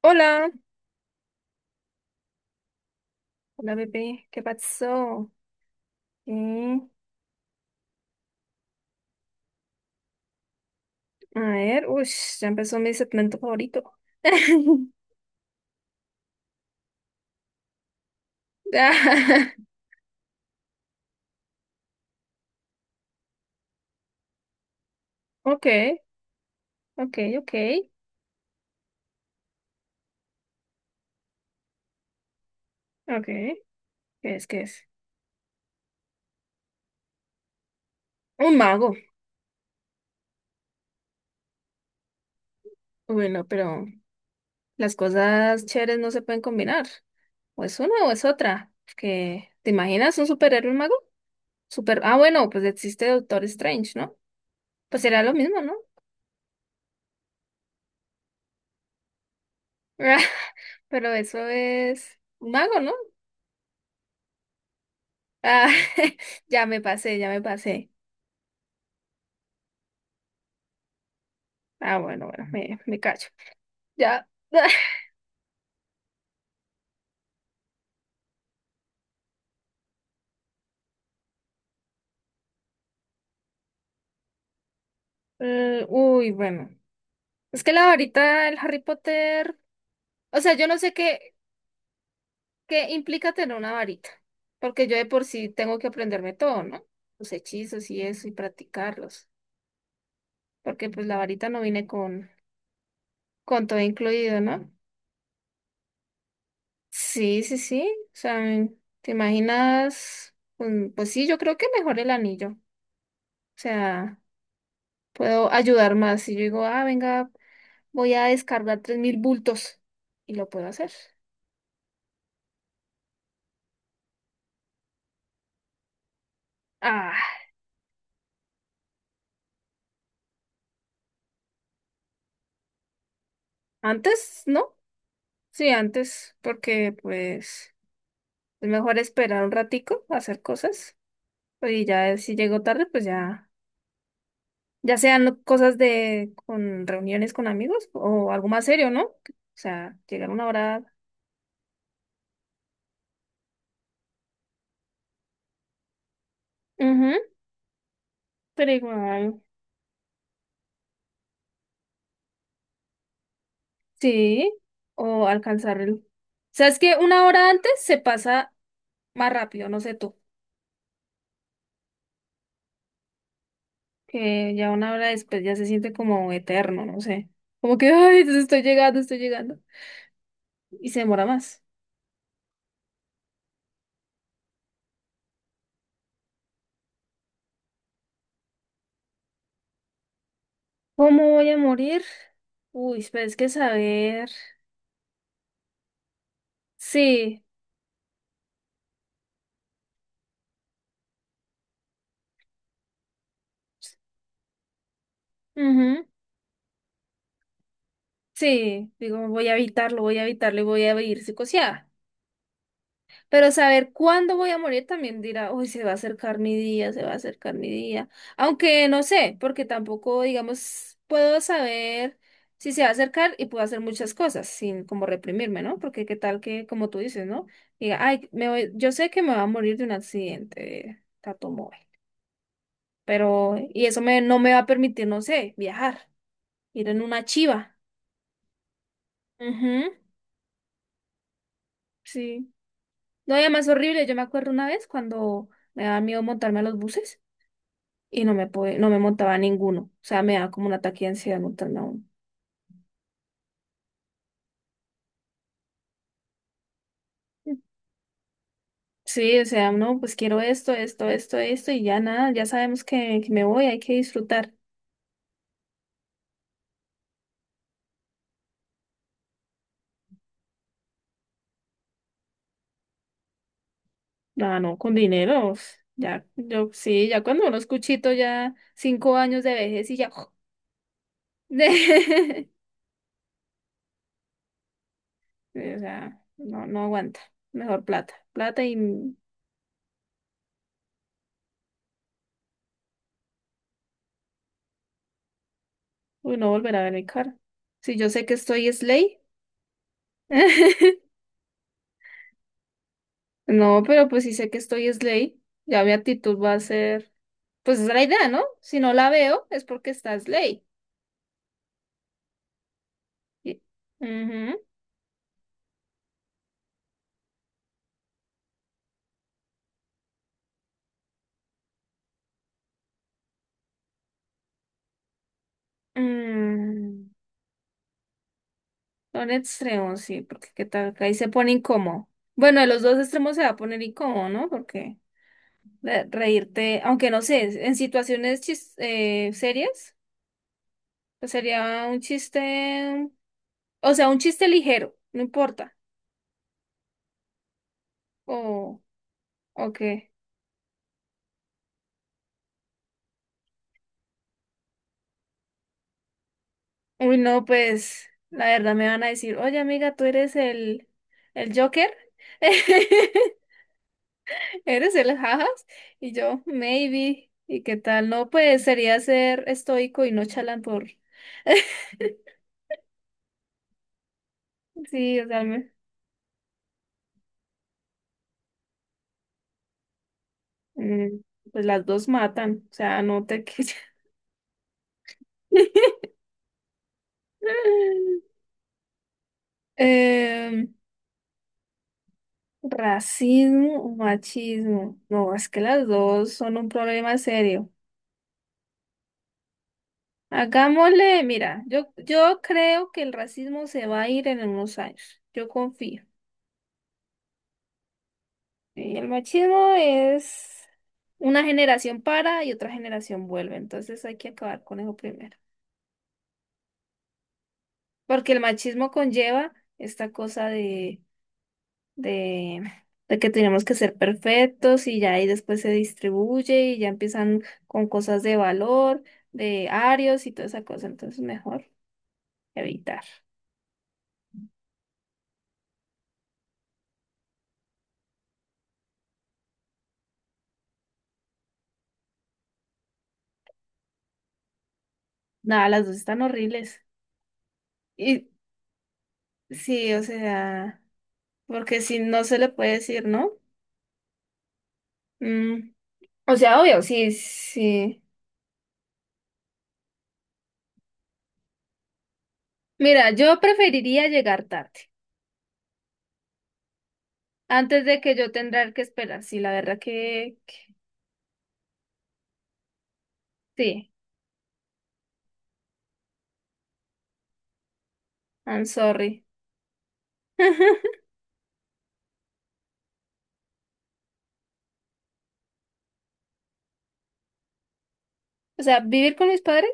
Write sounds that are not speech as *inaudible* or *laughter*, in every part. Hola, hola bebé, ¿qué pasó? Mm, a ver, uy, ya empezó mi segmento favorito. *laughs* Ah, *laughs* Ok, ok, ok, ok, ¿qué es, qué es? Un mago. Bueno, pero las cosas chéveres no se pueden combinar. O es una o es otra. Que, ¿te imaginas un superhéroe, un mago? Super, ah, bueno, pues existe Doctor Strange, ¿no? Pues será lo mismo, ¿no? *laughs* Pero eso es un mago, ¿no? Ah, *laughs* ya me pasé, ya me pasé. Ah, bueno, bueno, me callo. Ya. *laughs* Uy, bueno. Es que la varita del Harry Potter. O sea, yo no sé qué implica tener una varita. Porque yo de por sí tengo que aprenderme todo, ¿no? Los hechizos y eso y practicarlos. Porque pues la varita no viene con todo incluido, ¿no? Sí, sí, sí. O sea, ¿te imaginas? Pues, sí, yo creo que mejor el anillo. O sea, puedo ayudar más. Si yo digo, ah, venga. Voy a descargar 3.000 bultos y lo puedo hacer. Ah, antes, ¿no? Sí, antes, porque pues es mejor esperar un ratico a hacer cosas. Y ya si llego tarde, pues ya, ya sean cosas de con reuniones con amigos o algo más serio, ¿no? O sea, llegar una hora. Ujú, pero igual. Sí, o alcanzar el... O sea, es que una hora antes se pasa más rápido, no sé tú. Que ya una hora después ya se siente como eterno, no sé. Como que, ay, entonces estoy llegando, estoy llegando. Y se demora más. ¿Cómo voy a morir? Uy, pero es que saber. Sí, ujú, sí, digo, voy a evitarlo y voy a vivir psicoseada. Pero saber cuándo voy a morir también dirá, uy, se va a acercar mi día, se va a acercar mi día. Aunque no sé, porque tampoco, digamos, puedo saber si se va a acercar y puedo hacer muchas cosas sin como reprimirme, ¿no? Porque qué tal que, como tú dices, ¿no? Diga, ay, me voy, yo sé que me va a morir de un accidente de automóvil, pero, y eso me, no me va a permitir, no sé, viajar, ir en una chiva. Ujú, sí. No, y además horrible, yo me acuerdo una vez cuando me daba miedo montarme a los buses. Y no me pude, no me montaba ninguno. O sea, me daba como un ataque de ansiedad montarme a uno. Sí, o sea, no, pues quiero esto, esto, esto, esto, y ya nada, ya sabemos que me voy, hay que disfrutar. Ah, no, con dinero. Uf, ya, yo sí, ya cuando uno escuchito ya 5 años de vejez y ya. *laughs* de- sí, o sea, no, no aguanta. Mejor plata. Plata y uy, no volver a ver mi cara. Si yo sé que estoy es ley. *laughs* No, pero pues si sé que estoy es ley, ya mi actitud va a ser. Pues esa es la idea, ¿no? Si no la veo, es porque está Slay. Y- Ujú. Mm, Son extremos, sí, porque qué tal que ahí se pone incómodo. Bueno, de los dos extremos se va a poner incómodo, ¿no? Porque reírte, aunque no sé, en situaciones serias, pues sería un chiste, o sea, un chiste ligero, no importa. O, o qué. Uy, no, pues la verdad me van a decir, oye amiga, tú eres el Joker. *laughs* ¿Eres el jajas? Y yo, maybe. ¿Y qué tal? No, pues sería ser estoico y no chalán por... *laughs* Sí, o sea, mm, pues las dos matan. O sea, no te... *laughs* Em, racismo o machismo. No, es que las dos son un problema serio. Hagámosle, mira, yo creo que el racismo se va a ir en unos años. Yo confío. Y el machismo es una generación para y otra generación vuelve, entonces hay que acabar con eso primero. Porque el machismo conlleva esta cosa de, de que tenemos que ser perfectos y ya ahí después se distribuye y ya empiezan con cosas de valor, de arios y toda esa cosa, entonces mejor evitar. Nada, las dos están horribles. Y sí, o sea, porque si no se le puede decir, ¿no? Mm, o sea, obvio, sí, sí. Mira, yo preferiría llegar tarde, antes de que yo tendrá que esperar. Sí, la verdad que, sí, I'm sorry. *laughs* O sea, vivir con mis padres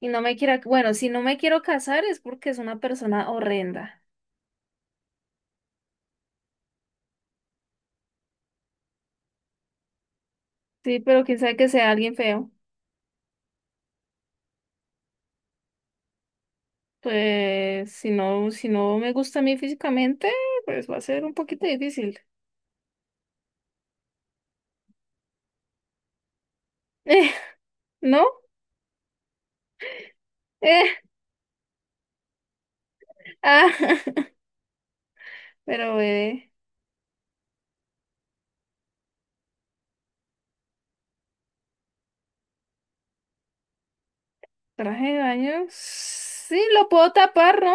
y no me quiera, bueno, si no me quiero casar es porque es una persona horrenda. Sí, pero quién sabe que sea alguien feo. Pues si no me gusta a mí físicamente, pues va a ser un poquito difícil. *laughs* ¿no? Eh, ah, *laughs* pero bebé, traje de baño, sí lo puedo tapar, ¿no?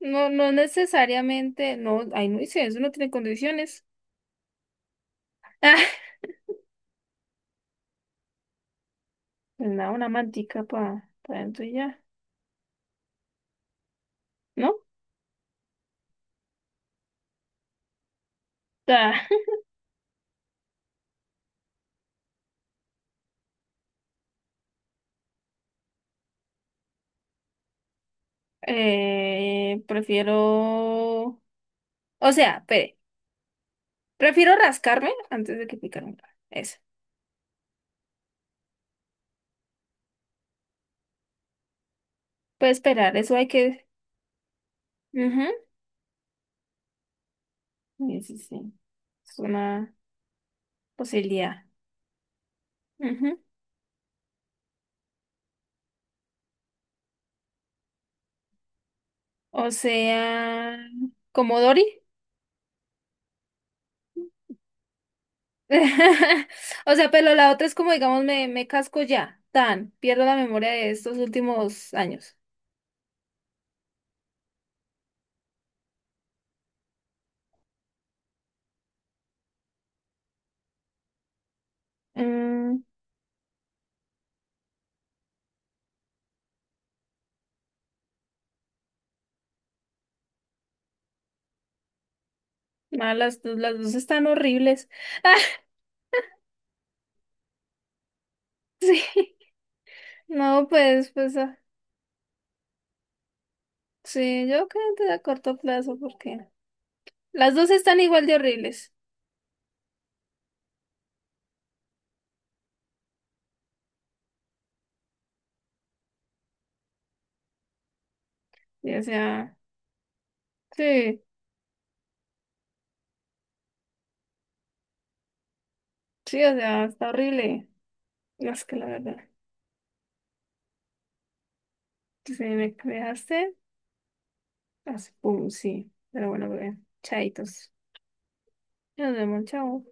No, no necesariamente, no, ay, no hice eso, no tiene condiciones. *laughs* Ah, nada, una mantica para pa dentro y ya, ¿no? Ah, *laughs* prefiero, o sea, espere, prefiero rascarme antes de que picarme. Eso. Puede esperar, eso hay que. Ujú, sí, sí, sí. Es una posibilidad. Ujú. O sea, como Dory. *laughs* O sea, pero la otra es como, digamos, me casco ya, tan, pierdo la memoria de estos últimos años. Mm, las dos están horribles. *laughs* Ah, sí. No, pues, sí, yo creo que a corto plazo, porque las dos están igual de horribles. Sí, o sea, sí, sí, o sea, está horrible. No, es que la verdad, si me dejaste así, pum, sí. Pero bueno, bebé, chaitos. Nos vemos, chao.